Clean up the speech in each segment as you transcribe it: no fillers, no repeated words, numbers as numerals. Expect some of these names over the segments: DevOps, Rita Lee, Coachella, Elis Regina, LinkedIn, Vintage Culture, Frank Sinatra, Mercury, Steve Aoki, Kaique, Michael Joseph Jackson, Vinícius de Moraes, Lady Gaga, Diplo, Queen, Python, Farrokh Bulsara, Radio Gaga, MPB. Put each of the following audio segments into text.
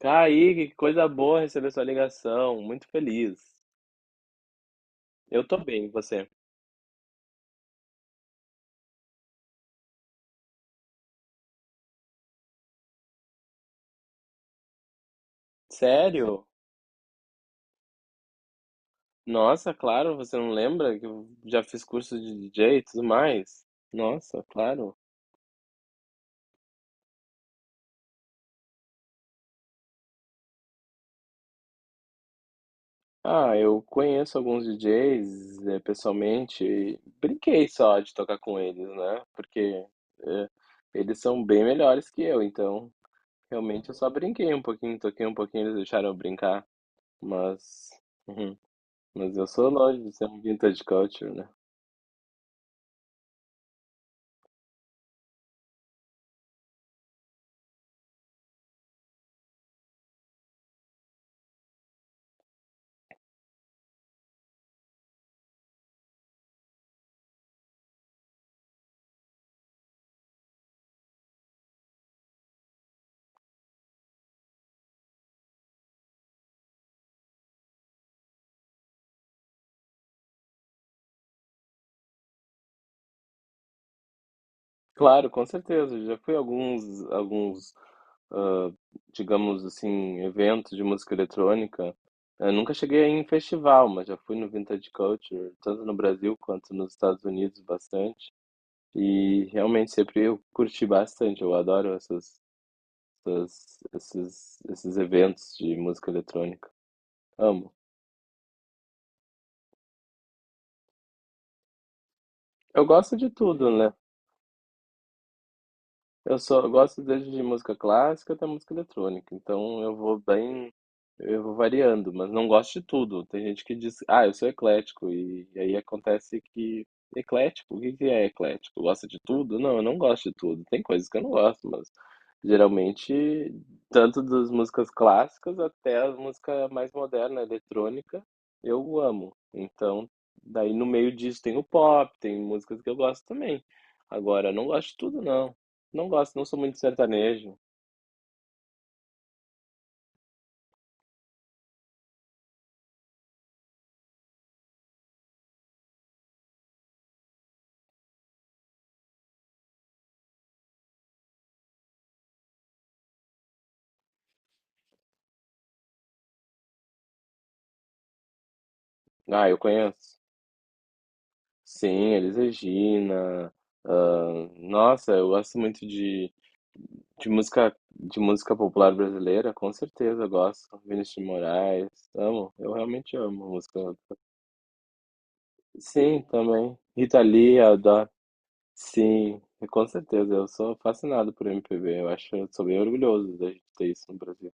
Kaique, que coisa boa receber sua ligação. Muito feliz. Eu tô bem, e você? Sério? Nossa, claro, você não lembra que eu já fiz curso de DJ e tudo mais? Nossa, claro. Ah, eu conheço alguns DJs, pessoalmente e brinquei só de tocar com eles, né? Porque eh, eles são bem melhores que eu, então realmente eu só brinquei um pouquinho, toquei um pouquinho, eles deixaram eu brincar, mas, mas eu sou longe de ser um vintage culture, né? Claro, com certeza. Já fui a alguns, ah, digamos assim, eventos de música eletrônica. Eu nunca cheguei a ir em festival, mas já fui no Vintage Culture, tanto no Brasil quanto nos Estados Unidos, bastante. E realmente sempre eu curti bastante. Eu adoro esses eventos de música eletrônica. Amo. Eu gosto de tudo, né? Eu só gosto desde de música clássica até música eletrônica, então eu vou bem, eu vou variando, mas não gosto de tudo. Tem gente que diz, ah, eu sou eclético, e aí acontece que. Eclético? O que que é eclético? Gosta de tudo? Não, eu não gosto de tudo. Tem coisas que eu não gosto, mas geralmente, tanto das músicas clássicas até a música mais moderna, eletrônica, eu amo. Então, daí no meio disso tem o pop, tem músicas que eu gosto também. Agora, eu não gosto de tudo, não. Não gosto, não sou muito de sertanejo. Ah, eu conheço. Sim, Elis Regina. ah, Nossa, eu gosto muito de música popular brasileira, com certeza eu gosto. Vinícius de Moraes, amo, eu realmente amo a música. Sim, também. Rita Lee, eu adoro. Sim, com certeza, eu sou fascinado por MPB. Eu acho, eu sou bem orgulhoso da gente ter isso no Brasil.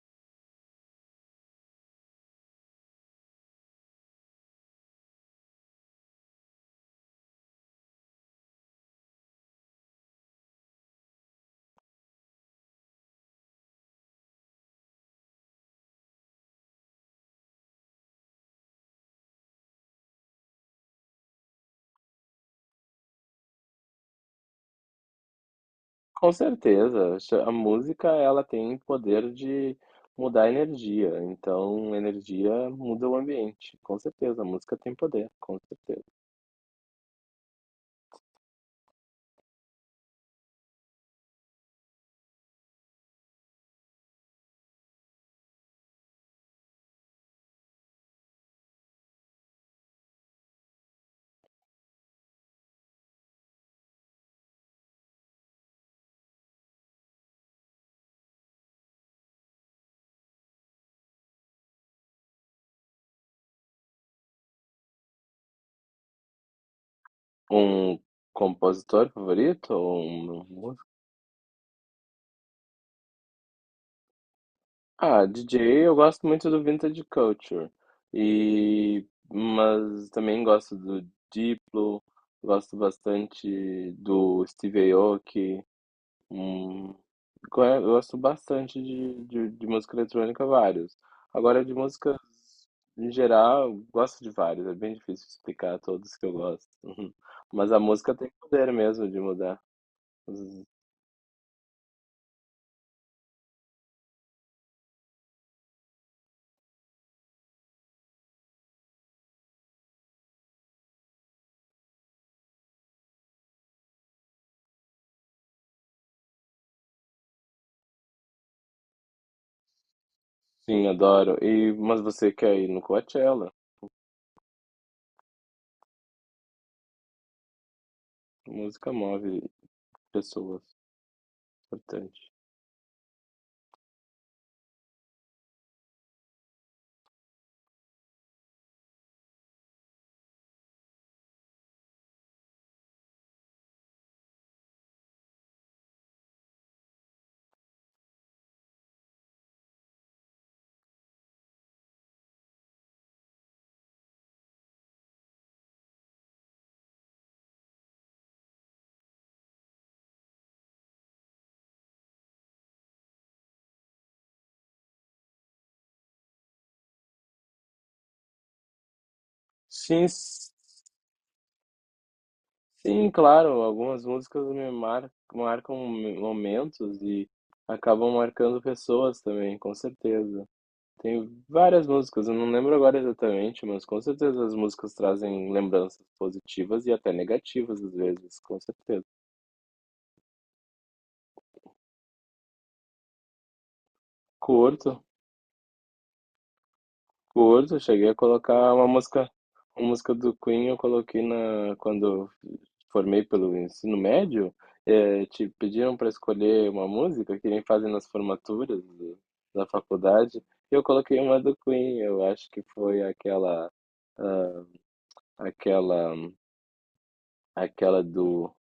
Com certeza, acho- a música ela tem poder de mudar a energia, então a energia muda o ambiente, com certeza, a música tem poder, com certeza. Um compositor favorito ou um músico? Ah, DJ, eu gosto muito do Vintage Culture, e, mas também gosto do Diplo, gosto bastante do Steve Aoki, um Gosto bastante de música eletrônica, vários. Agora, de músicas em geral, eu gosto de vários. É bem difícil explicar todos que eu gosto. Mas a música tem poder mesmo de mudar. Sim, adoro. E, mas você quer ir no Coachella? Música move pessoas. Importante. Sim, s- sim, claro. Algumas músicas marcam momentos e acabam marcando pessoas também, com certeza. Tem várias músicas, eu não lembro agora exatamente, mas com certeza as músicas trazem lembranças positivas e até negativas às vezes, com certeza. Curto, curto, cheguei a colocar uma música do Queen eu coloquei na quando eu formei pelo ensino médio, te pediram para escolher uma música que nem fazem nas formaturas da faculdade, e eu coloquei uma do Queen, eu acho que foi aquela aquela do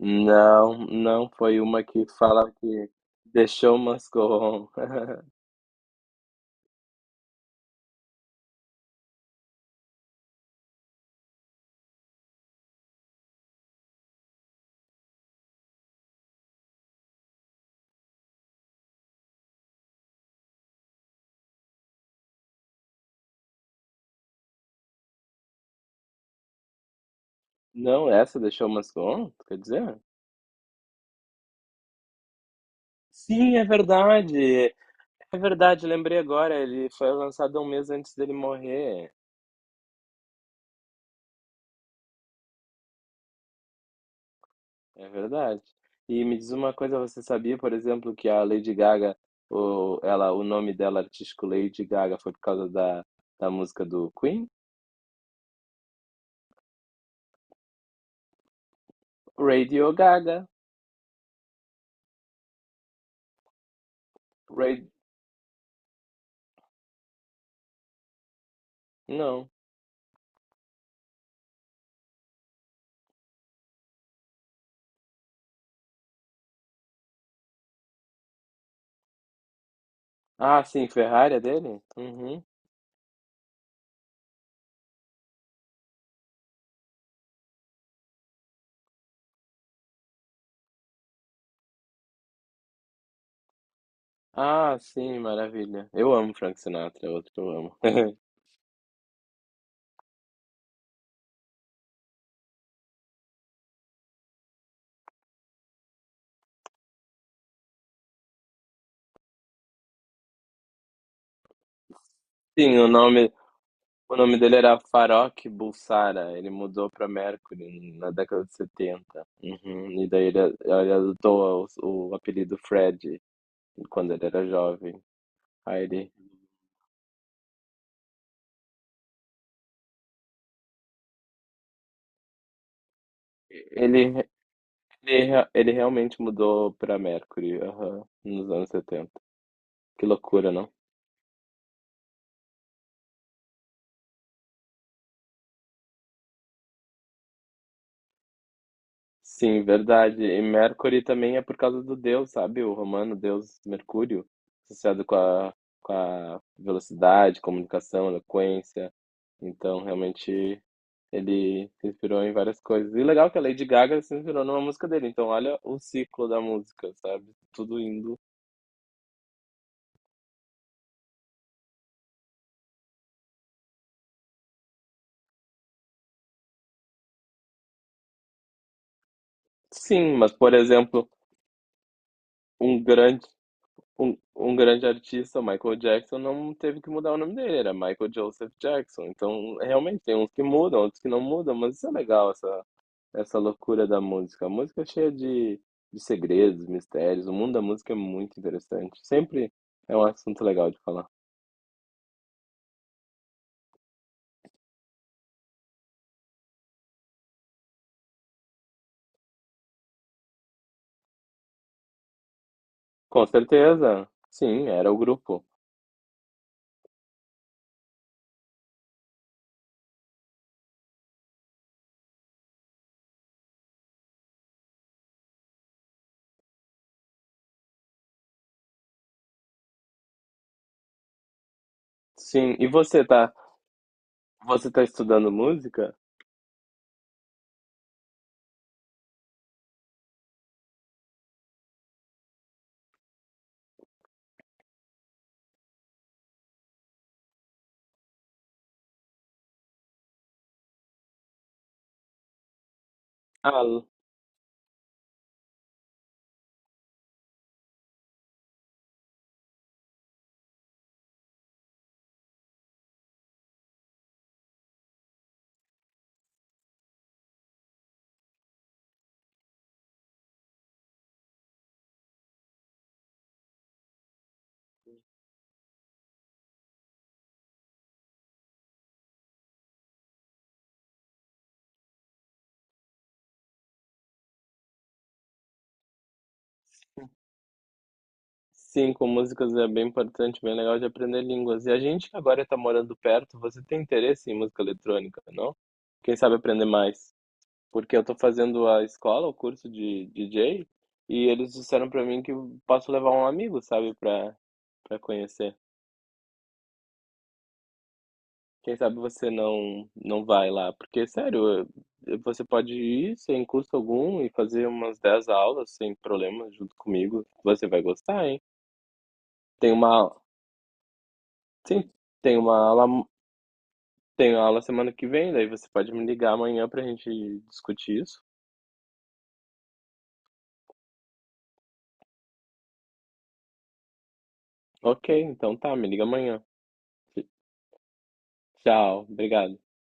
Não, não foi uma que fala que deixou umas com. Não, essa deixou umas com, quer dizer? Sim, é verdade. É verdade, lembrei agora, ele foi lançado um mês antes dele morrer. É verdade. E me diz uma coisa, você sabia, por exemplo, que a Lady Gaga, o nome dela artístico Lady Gaga foi por causa da música do Queen? Radio Gaga. Ra- Não. Ah, sim, Ferrari é dele? Uhum. Ah, sim, maravilha. Eu amo Frank Sinatra, é outro que eu amo. Sim, o nome dele era Farrokh Bulsara. Ele mudou para Mercury na década de 70. Uhum, e daí ele adotou o apelido Fred quando ele era jovem. Aí ele, ele realmente mudou para Mercury, aham, nos anos 70. Que loucura, não? Sim, verdade. E Mercury também é por causa do deus, sabe? O romano deus Mercúrio, associado com a velocidade, comunicação, eloquência. Então, realmente, ele se inspirou em várias coisas. E legal que a Lady Gaga se inspirou numa música dele. Então, olha o ciclo da música, sabe? Tudo indo. Sim, mas, por exemplo, um grande um, um grande artista, Michael Jackson, não teve que mudar o nome dele, era Michael Joseph Jackson. Então, realmente, tem uns que mudam, outros que não mudam, mas isso é legal, essa loucura da música. A música é cheia de segredos, mistérios, o mundo da música é muito interessante. Sempre é um assunto legal de falar. Com certeza, sim, era o grupo. Sim, e você tá estudando música? Ah, sim, com músicas é bem importante, bem legal de aprender línguas. E a gente que agora está morando perto, você tem interesse em música eletrônica, não? Quem sabe aprender mais? Porque eu estou fazendo a escola, o curso de DJ, e eles disseram para mim que eu posso levar um amigo, sabe, para conhecer. Quem sabe você não vai lá, porque sério, você pode ir sem custo algum e fazer umas 10 aulas sem problema junto comigo. Você vai gostar, hein? Tem uma, sim, tem uma aula Tenho aula semana que vem, daí você pode me ligar amanhã pra gente discutir isso? Ok, então tá, me liga amanhã. Tchau, obrigado.